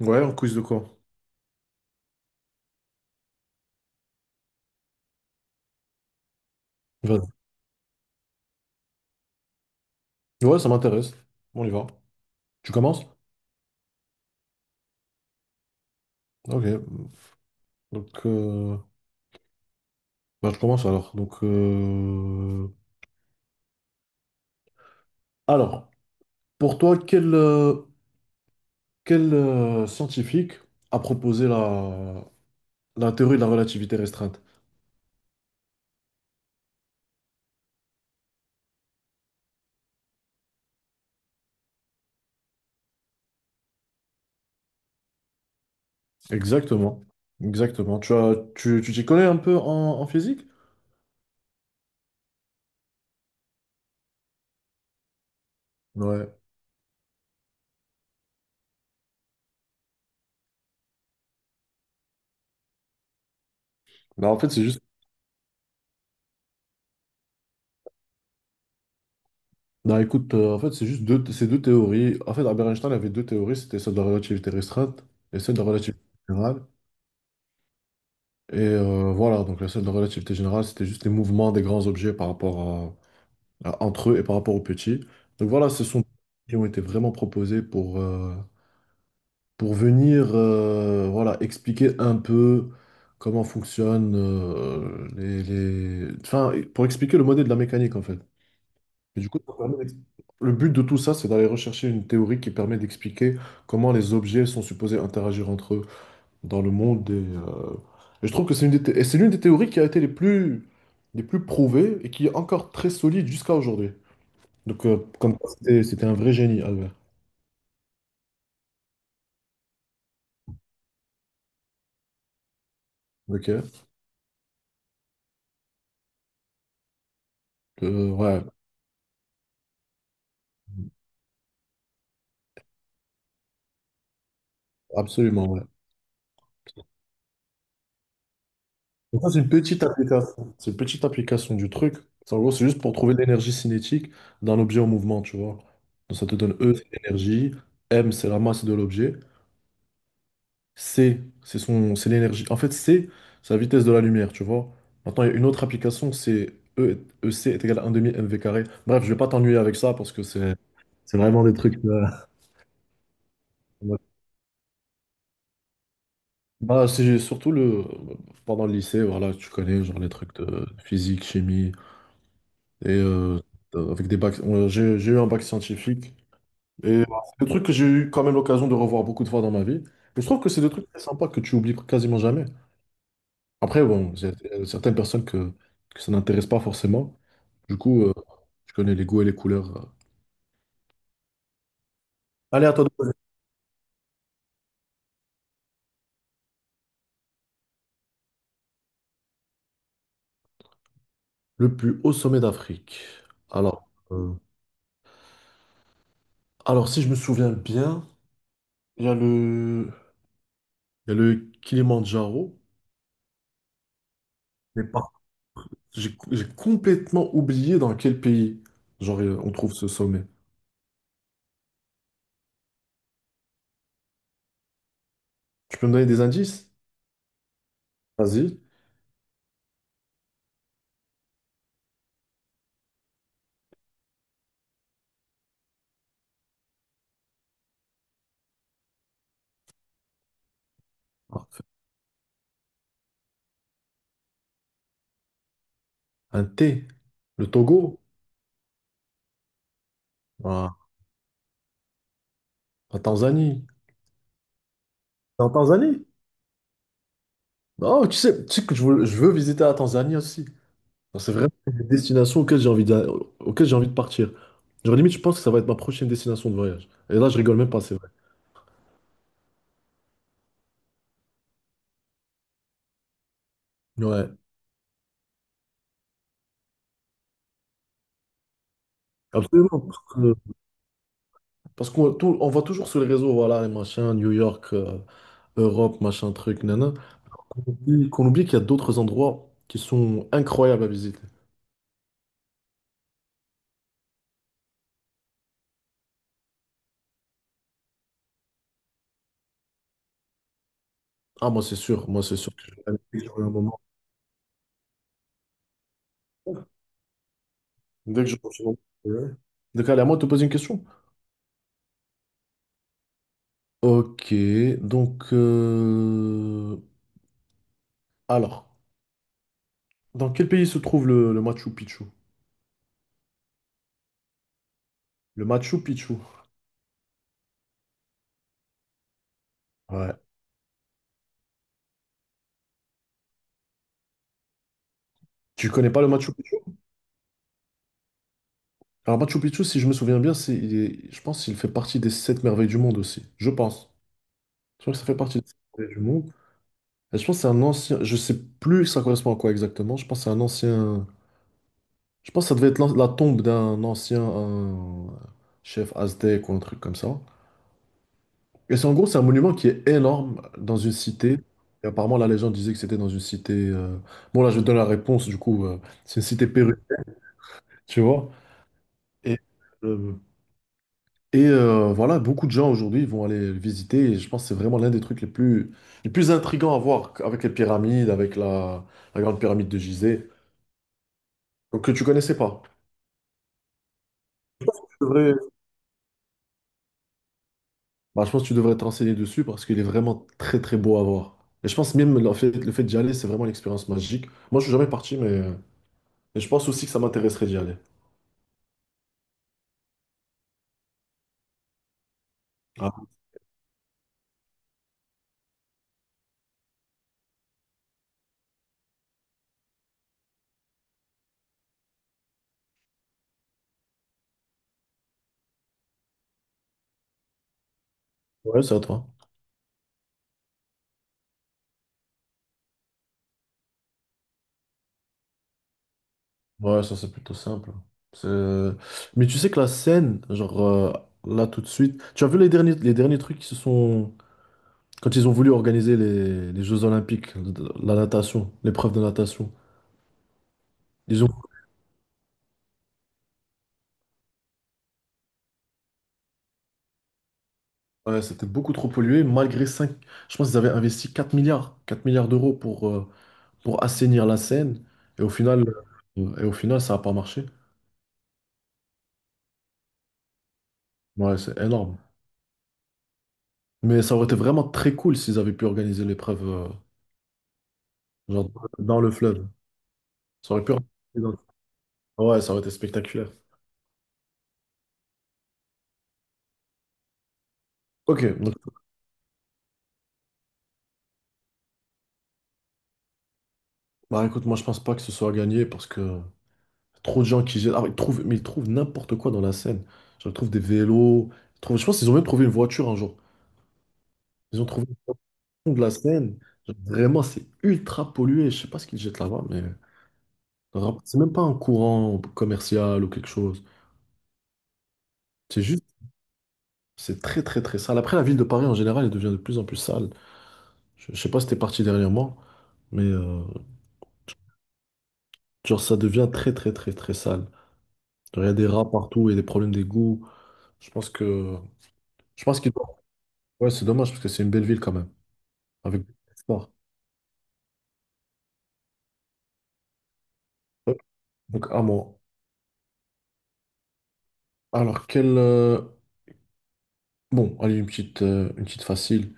Ouais, un quiz de quoi? Vas-y. Ouais, ça m'intéresse. On y va. Tu commences? Ok. Donc, euh, je commence alors. Alors, pour toi, quel scientifique a proposé la théorie de la relativité restreinte? Exactement. Exactement. Tu t'y connais un peu en physique? Ouais. Bah, en fait, c'est juste Non, écoute, en fait, c'est deux théories. En fait, Albert Einstein avait deux théories, c'était celle de la relativité restreinte et celle de la relativité générale. Voilà, donc la celle de la relativité générale, c'était juste les mouvements des grands objets par rapport entre eux et par rapport aux petits. Donc voilà, ce sont qui ont été vraiment proposés pour venir voilà, expliquer un peu comment fonctionnent les... Enfin, pour expliquer le modèle de la mécanique, en fait. Et du coup, le but de tout ça, c'est d'aller rechercher une théorie qui permet d'expliquer comment les objets sont supposés interagir entre eux dans le monde. Et je trouve que c'est une des, thé- et c'est l'une des théories qui a été les plus prouvées et qui est encore très solide jusqu'à aujourd'hui. Comme quoi, c'était un vrai génie, Albert. Ok? Ouais, absolument, ouais. Donc ça, c'est une petite application. C'est une petite application du truc. En gros, c'est juste pour trouver l'énergie cinétique d'un objet en mouvement, tu vois. Donc, ça te donne E, c'est l'énergie, M, c'est la masse de l'objet. C'est l'énergie. En fait, C, c'est la vitesse de la lumière, tu vois. Maintenant, il y a une autre application, E c est égal à 1 demi m v carré. Bref, je vais pas t'ennuyer avec ça parce que c'est vraiment des trucs. Bah, c'est surtout le pendant le lycée, voilà, tu connais genre les trucs de physique, chimie et euh, avec des bacs. J'ai eu un bac scientifique et voilà, c'est des trucs que j'ai eu quand même l'occasion de revoir beaucoup de fois dans ma vie. Et je trouve que c'est des trucs très sympas que tu oublies quasiment jamais. Après, bon, il y a certaines personnes que ça n'intéresse pas forcément. Du coup, euh, je connais les goûts et les couleurs. Allez, attendez. Le plus haut sommet d'Afrique. Alors, euh, alors, si je me souviens bien, il y a le, il y a le Kilimandjaro. Mais j'ai complètement oublié dans quel pays on trouve ce sommet. Tu peux me donner des indices? Vas-y. Parfait. Un thé. Le Togo. Voilà. La Tanzanie. T'es en Tanzanie? Non, tu sais que je veux visiter la Tanzanie aussi. Genre, c'est vraiment une destination auxquelles auquel j'ai envie de partir. Genre, limite, je pense que ça va être ma prochaine destination de voyage. Et là, je rigole même pas, c'est vrai. Ouais, absolument. Parce qu'on on voit toujours sur les réseaux, voilà, les machins, New York, Europe, machin, truc, nana. Qu'on oublie qu'il y a d'autres endroits qui sont incroyables à visiter. Ah, moi, c'est sûr que je vais aller dès que j'aurai un moment. Dès que j'aurai un moment. Ouais. Donc, allez, à moi de te poser une question. Ok, donc. Alors. Dans quel pays se trouve le Machu Picchu? Le Machu Picchu. Ouais. Tu connais pas le Machu Picchu? Alors Machu Picchu, si je me souviens bien, je pense qu'il fait partie des sept merveilles du monde aussi. Je pense. Je crois que ça fait partie des sept merveilles du monde. Et je pense que c'est un ancien. Je sais plus ça correspond à quoi exactement. Je pense que c'est un ancien. Je pense que ça devait être la tombe d'un ancien un chef aztèque ou un truc comme ça. Et c'est en gros, c'est un monument qui est énorme dans une cité. Et apparemment, la légende disait que c'était dans une cité. Bon, là, je vais te donner la réponse. C'est une cité péruvienne. Tu vois. Et, euh, voilà, beaucoup de gens aujourd'hui vont aller le visiter et je pense que c'est vraiment l'un des trucs les plus intrigants à voir avec les pyramides, avec la grande pyramide de Gizeh, donc que tu connaissais pas. Tu devrais- Bah, je pense que tu devrais te renseigner dessus parce qu'il est vraiment très très beau à voir. Et je pense même le fait d'y aller, c'est vraiment une expérience magique. Moi, je suis jamais parti, mais je pense aussi que ça m'intéresserait d'y aller. Ah, ouais, c'est à toi. Ouais, ça c'est plutôt simple. C'est- Mais tu sais que la scène, là tout de suite, tu as vu les derniers trucs qui se sont... Quand ils ont voulu organiser les Jeux Olympiques, la natation, l'épreuve de natation, ils ont... Ouais, c'était beaucoup trop pollué, malgré 5 je pense qu'ils avaient investi 4 milliards d'euros pour assainir la Seine, et au final, et au final ça n'a pas marché. Ouais, c'est énorme. Mais ça aurait été vraiment très cool s'ils avaient pu organiser l'épreuve genre dans le fleuve. Ça aurait pu... Ouais, ça aurait été spectaculaire. Ok, donc, bah écoute, moi je pense pas que ce soit gagné parce que trop de gens qui jettent. Ah, ils trouvent, mais ils trouvent n'importe quoi dans la Seine. Genre, ils trouvent des vélos. Je pense qu'ils ont même trouvé une voiture un jour. Ils ont trouvé au fond de la Seine. Genre, vraiment, c'est ultra pollué. Je sais pas ce qu'ils jettent là-bas, mais c'est même pas un courant commercial ou quelque chose. C'est juste, c'est très très très sale. Après, la ville de Paris en général, elle devient de plus en plus sale. Je sais pas si t'es parti dernièrement, mais genre, ça devient très très très très sale. Il y a des rats partout et des problèmes d'égouts. Je pense que. Je pense qu'il doit. Ouais, c'est dommage parce que c'est une belle ville quand même. Avec beaucoup d'espoir. Ouais. Donc, à moi. Alors, quel. Bon, allez, une petite facile.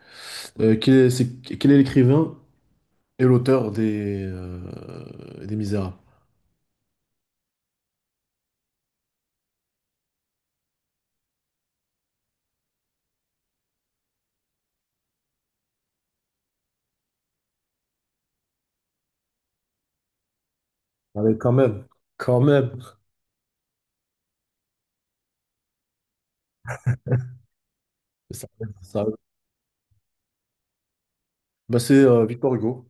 Quel est l'écrivain et l'auteur des Misérables? Allez, quand même. Quand même. Ça, ça- Bah c'est Victor Hugo.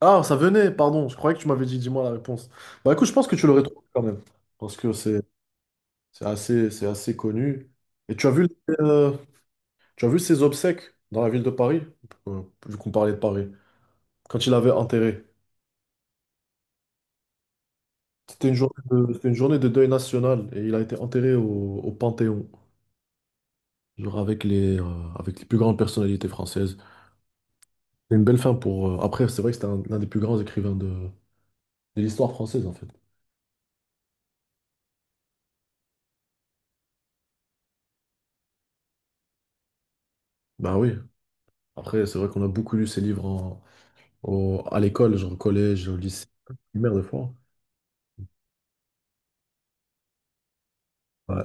Ah, ça venait, pardon, je croyais que tu m'avais dit, dis-moi la réponse. Bah écoute, je pense que tu l'aurais trouvé quand même, parce que c'est assez connu. Et euh, tu as vu ses obsèques dans la ville de Paris, vu qu'on parlait de Paris, quand il avait enterré. C'était une journée de deuil national, et il a été enterré au Panthéon, genre avec avec les plus grandes personnalités françaises. C'est une belle fin pour... Après, c'est vrai que c'était un, l'un des plus grands écrivains de l'histoire française, en fait. Bah oui. Après, c'est vrai qu'on a beaucoup lu ces livres à l'école, genre au collège, au lycée, primaire des fois. Ouais,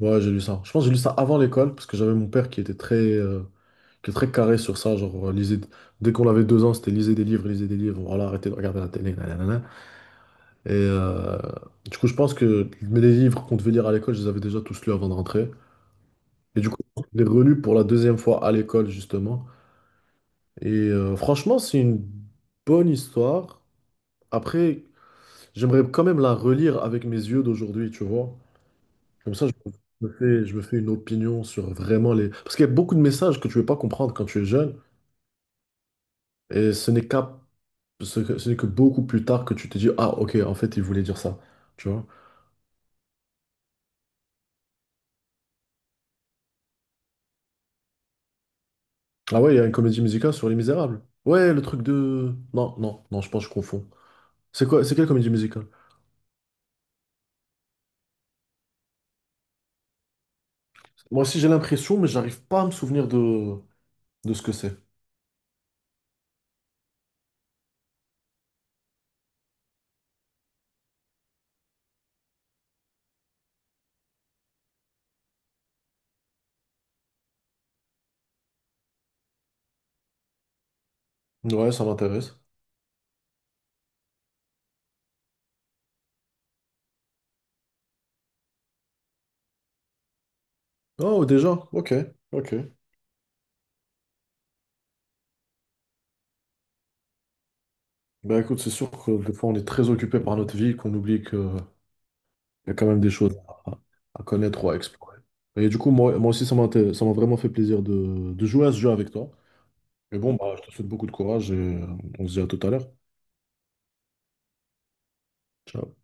ouais, j'ai lu ça. Je pense que j'ai lu ça avant l'école, parce que j'avais mon père qui était qui était très carré sur ça. Dès qu'on avait 2 ans, c'était lisez des livres, voilà, arrêtez de regarder la télé, nanana. Et euh, du coup, je pense que mais les livres qu'on devait lire à l'école, je les avais déjà tous lus avant de rentrer. Et du coup, je les relus pour la deuxième fois à l'école, justement. Franchement, c'est une bonne histoire. Après. J'aimerais quand même la relire avec mes yeux d'aujourd'hui, tu vois. Comme ça, je me fais une opinion sur vraiment les... Parce qu'il y a beaucoup de messages que tu ne veux pas comprendre quand tu es jeune, et ce n'est qu'à, ce n'est que beaucoup plus tard que tu te dis, ah, ok, en fait, il voulait dire ça, tu vois. Ah ouais, il y a une comédie musicale sur Les Misérables. Ouais, le truc de... Non, non, non, je pense que je confonds. C'est quelle comédie musicale? Moi aussi, j'ai l'impression, mais j'arrive pas à me souvenir de ce que c'est. Ouais, ça m'intéresse. Oh, déjà, ok, ok. Bah écoute, c'est sûr que des fois on est très occupé par notre vie qu'on oublie qu'il y a quand même des choses à, à connaître ou à explorer. Et du coup, moi aussi, ça m'a vraiment fait plaisir de jouer à ce jeu avec toi. Et bon, bah, je te souhaite beaucoup de courage et on se dit à tout à l'heure. Ciao.